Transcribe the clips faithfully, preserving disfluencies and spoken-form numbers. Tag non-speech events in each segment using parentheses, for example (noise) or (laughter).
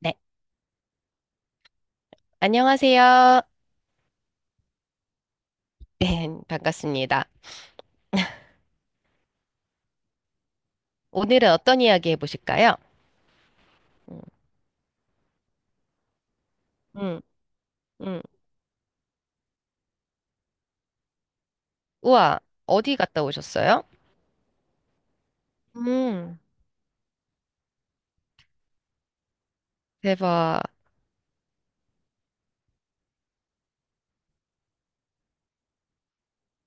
네, 안녕하세요. 네, 반갑습니다. 오늘은 어떤 이야기 해보실까요? 음, 음, 음. 우와, 어디 갔다 오셨어요? 음, 대박.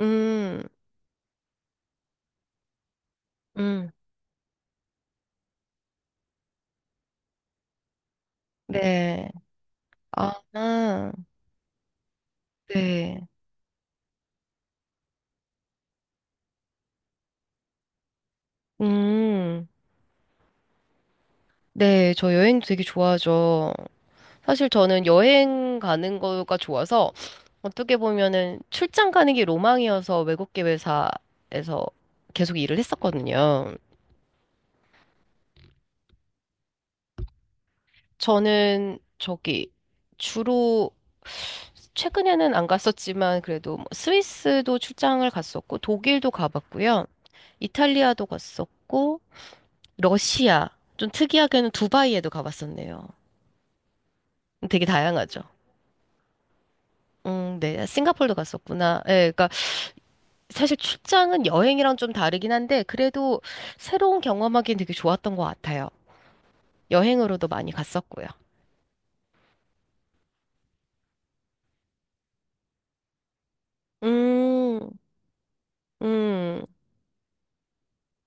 음, 음, 네. 아, 아, 네. 음, 네, 저 여행 되게 좋아하죠. 사실 저는 여행 가는 거가 좋아서 어떻게 보면은 출장 가는 게 로망이어서 외국 계회사에서 계속 일을 했었거든요. 저는 저기 주로 최근에는 안 갔었지만 그래도 뭐 스위스도 출장을 갔었고 독일도 가봤고요. 이탈리아도 갔었고 러시아 좀 특이하게는 두바이에도 가봤었네요. 되게 다양하죠. 음, 네. 싱가포르도 갔었구나. 예, 그러니까 사실 출장은 여행이랑 좀 다르긴 한데 그래도 새로운 경험하기엔 되게 좋았던 것 같아요. 여행으로도 많이 갔었고요. 음, 음,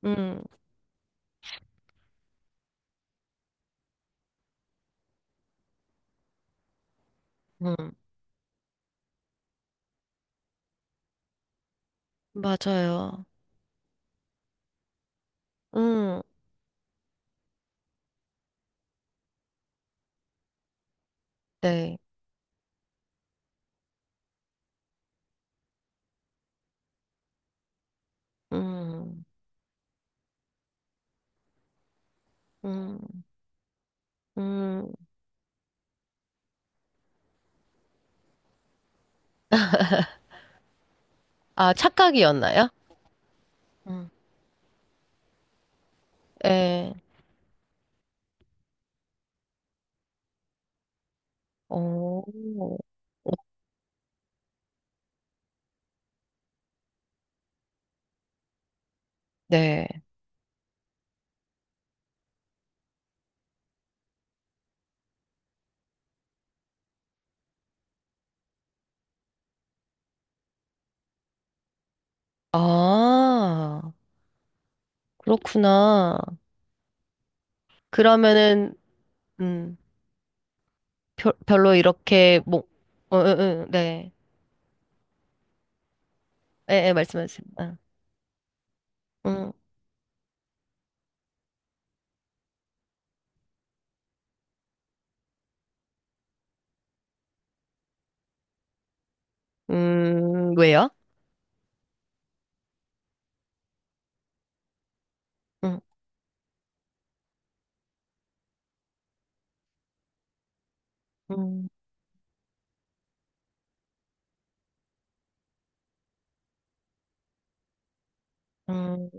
음, 음. 맞아요. 음, 네. 음, 음, 음. 아, 착각이었나요? 음. 네. 오, 네. 아, 그렇구나. 그러면은, 음, 별, 별로 이렇게, 뭐, 어, 어, 어, 네. 예, 예, 말씀하세요. 아, 음, 음, 왜요? 음, 음, 음.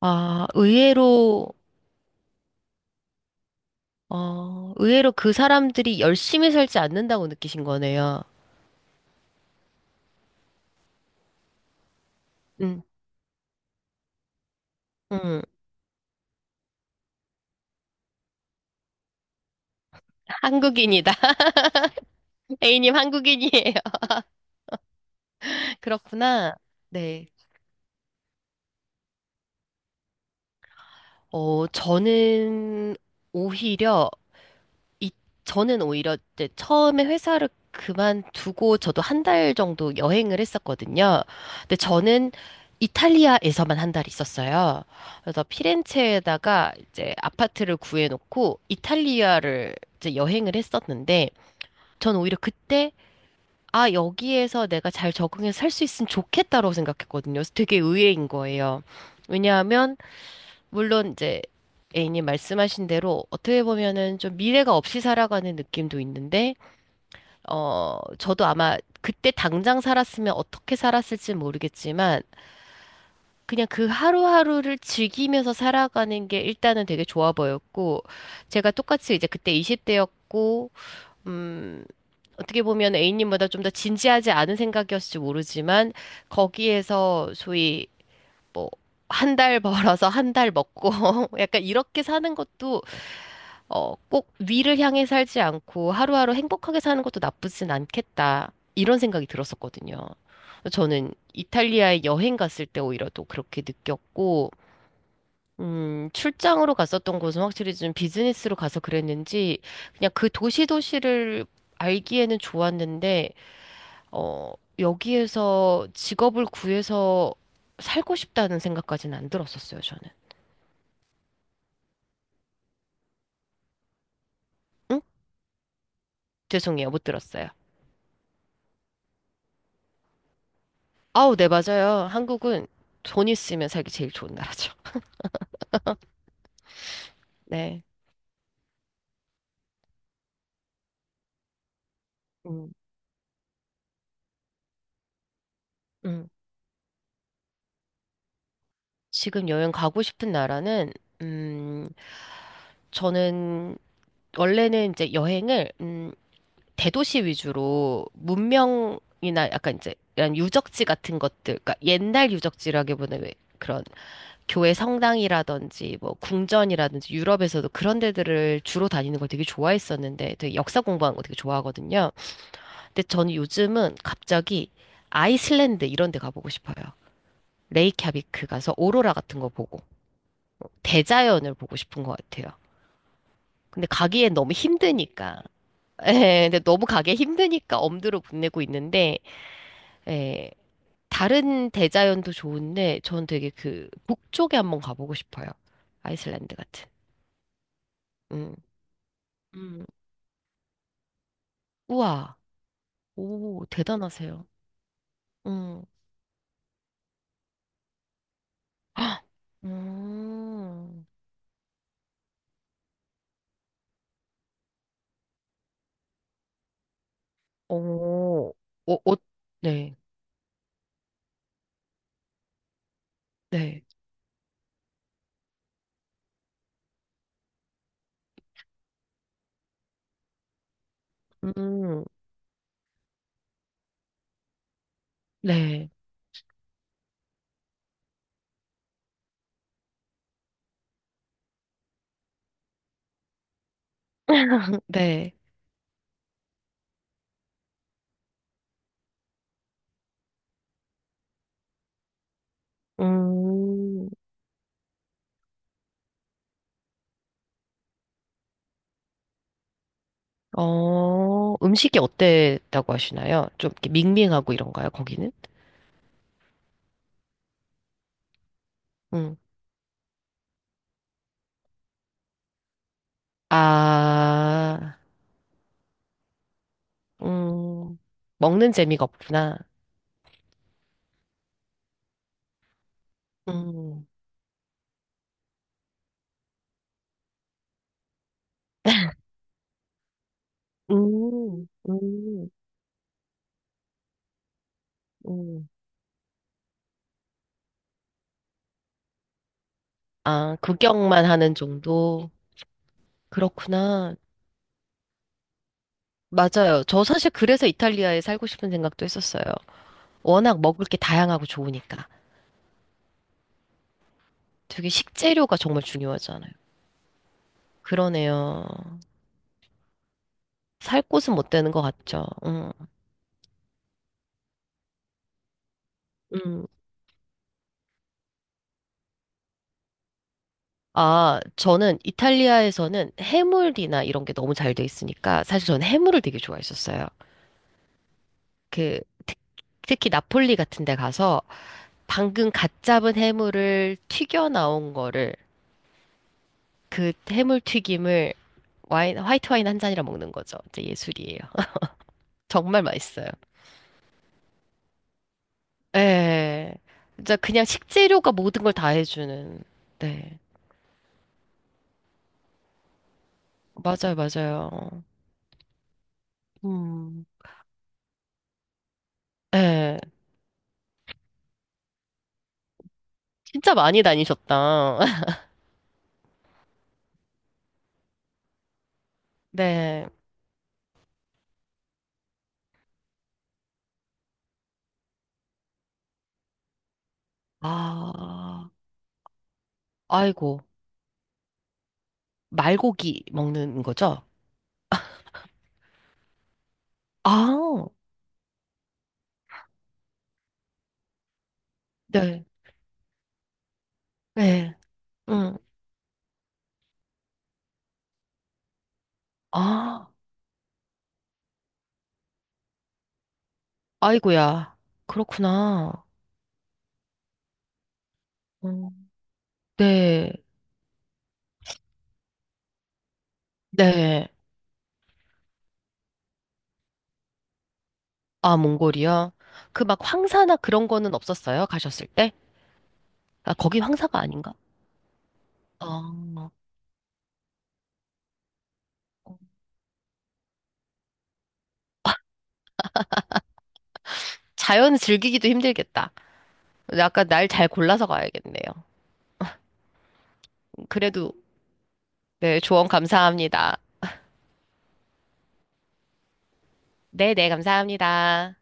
아, 의외로, 어, 의외로 그 사람들이 열심히 살지 않는다고 느끼신 거네요. 음, 음. 한국인이다. (laughs) A님 한국인이에요. (laughs) 그렇구나. 네. 어, 저는 오히려, 이, 저는 오히려 이제 처음에 회사를 그만두고 저도 한 달 정도 여행을 했었거든요. 근데 저는 이탈리아에서만 한 달 있었어요. 그래서 피렌체에다가 이제 아파트를 구해놓고 이탈리아를 이제 여행을 했었는데, 전 오히려 그때 아, 여기에서 내가 잘 적응해서 살 수 있으면 좋겠다라고 생각했거든요. 그래서 되게 의외인 거예요. 왜냐하면, 물론 이제 A님 말씀하신 대로 어떻게 보면은 좀 미래가 없이 살아가는 느낌도 있는데, 어, 저도 아마 그때 당장 살았으면 어떻게 살았을지 모르겠지만, 그냥 그 하루하루를 즐기면서 살아가는 게 일단은 되게 좋아 보였고, 제가 똑같이 이제 그때 이십 대였고, 음, 어떻게 보면 A님보다 좀 더 진지하지 않은 생각이었을지 모르지만, 거기에서 소위 뭐, 한 달 (laughs) 벌어서 한 달 먹고, (laughs) 약간 이렇게 사는 것도, 어, 꼭 위를 향해 살지 않고 하루하루 행복하게 사는 것도 나쁘진 않겠다. 이런 생각이 들었었거든요. 저는 이탈리아에 여행 갔을 때 오히려 또 그렇게 느꼈고, 음, 출장으로 갔었던 곳은 확실히 좀 비즈니스로 가서 그랬는지, 그냥 그 도시 도시를 알기에는 좋았는데, 어, 여기에서 직업을 구해서 살고 싶다는 생각까지는 안 들었었어요, 저는. 응? 죄송해요, 못 들었어요. 아우, 네, 맞아요. 한국은 돈 있으면 살기 제일 좋은 나라죠. (laughs) 네. 음, 음. 지금 여행 가고 싶은 나라는, 음, 저는 원래는 이제 여행을, 음, 대도시 위주로 문명이나 약간 이제 이런 유적지 같은 것들, 그러니까 옛날 유적지라기보다는 왜 그런 교회 성당이라든지 뭐 궁전이라든지 유럽에서도 그런 데들을 주로 다니는 걸 되게 좋아했었는데 되게 역사 공부하는 거 되게 좋아하거든요. 근데 저는 요즘은 갑자기 아이슬란드 이런 데 가보고 싶어요. 레이캬비크 가서 오로라 같은 거 보고 대자연을 보고 싶은 것 같아요. 근데 가기엔 너무 힘드니까. (laughs) 예, 근데 너무 가기 힘드니까 엄두를 못 내고 있는데 예, 다른 대자연도 좋은데 전 되게 그 북쪽에 한번 가보고 싶어요. 아이슬란드 같은. 음. 음. 우와. 오, 대단하세요. 음. 헉! 음. 오. 오, 오. 네. 네. 음. 네. 네. 음. 어, 음식이 어땠다고 하시나요? 좀 이렇게 밍밍하고 이런가요, 거기는? 음. 아. 음. 먹는 재미가 없구나. 음. 음, 음, 음. 아, 구경만 하는 정도? 그렇구나. 맞아요. 저 사실 그래서 이탈리아에 살고 싶은 생각도 했었어요. 워낙 먹을 게 다양하고 좋으니까. 되게 식재료가 정말 중요하잖아요. 그러네요. 살 곳은 못 되는 것 같죠. 음, 음. 아, 저는 이탈리아에서는 해물이나 이런 게 너무 잘 돼 있으니까 사실 저는 해물을 되게 좋아했었어요. 그, 특- 특히 나폴리 같은 데 가서 방금 갓 잡은 해물을 튀겨 나온 거를 그 해물 튀김을 와인, 화이트 와인 한 잔이랑 먹는 거죠. 진짜 예술이에요. (laughs) 정말 맛있어요. 예. 진짜 그냥 식재료가 모든 걸 다 해주는. 네. 맞아요, 맞아요. 음. 예. 진짜 많이 다니셨다. (laughs) 네. 아, 아이고. 말고기 먹는 거죠? 아, 네. 네. 음. 아, 아이고야. 그렇구나. 음. 네, 네. 아, 몽골이요? 그 막 황사나 그런 거는 없었어요? 가셨을 때? 아, 거기 황사가 아닌가? 어, 자연 즐기기도 힘들겠다. 약간 날 잘 골라서 가야겠네요. 그래도, 네, 조언 감사합니다. 네, 네, 감사합니다.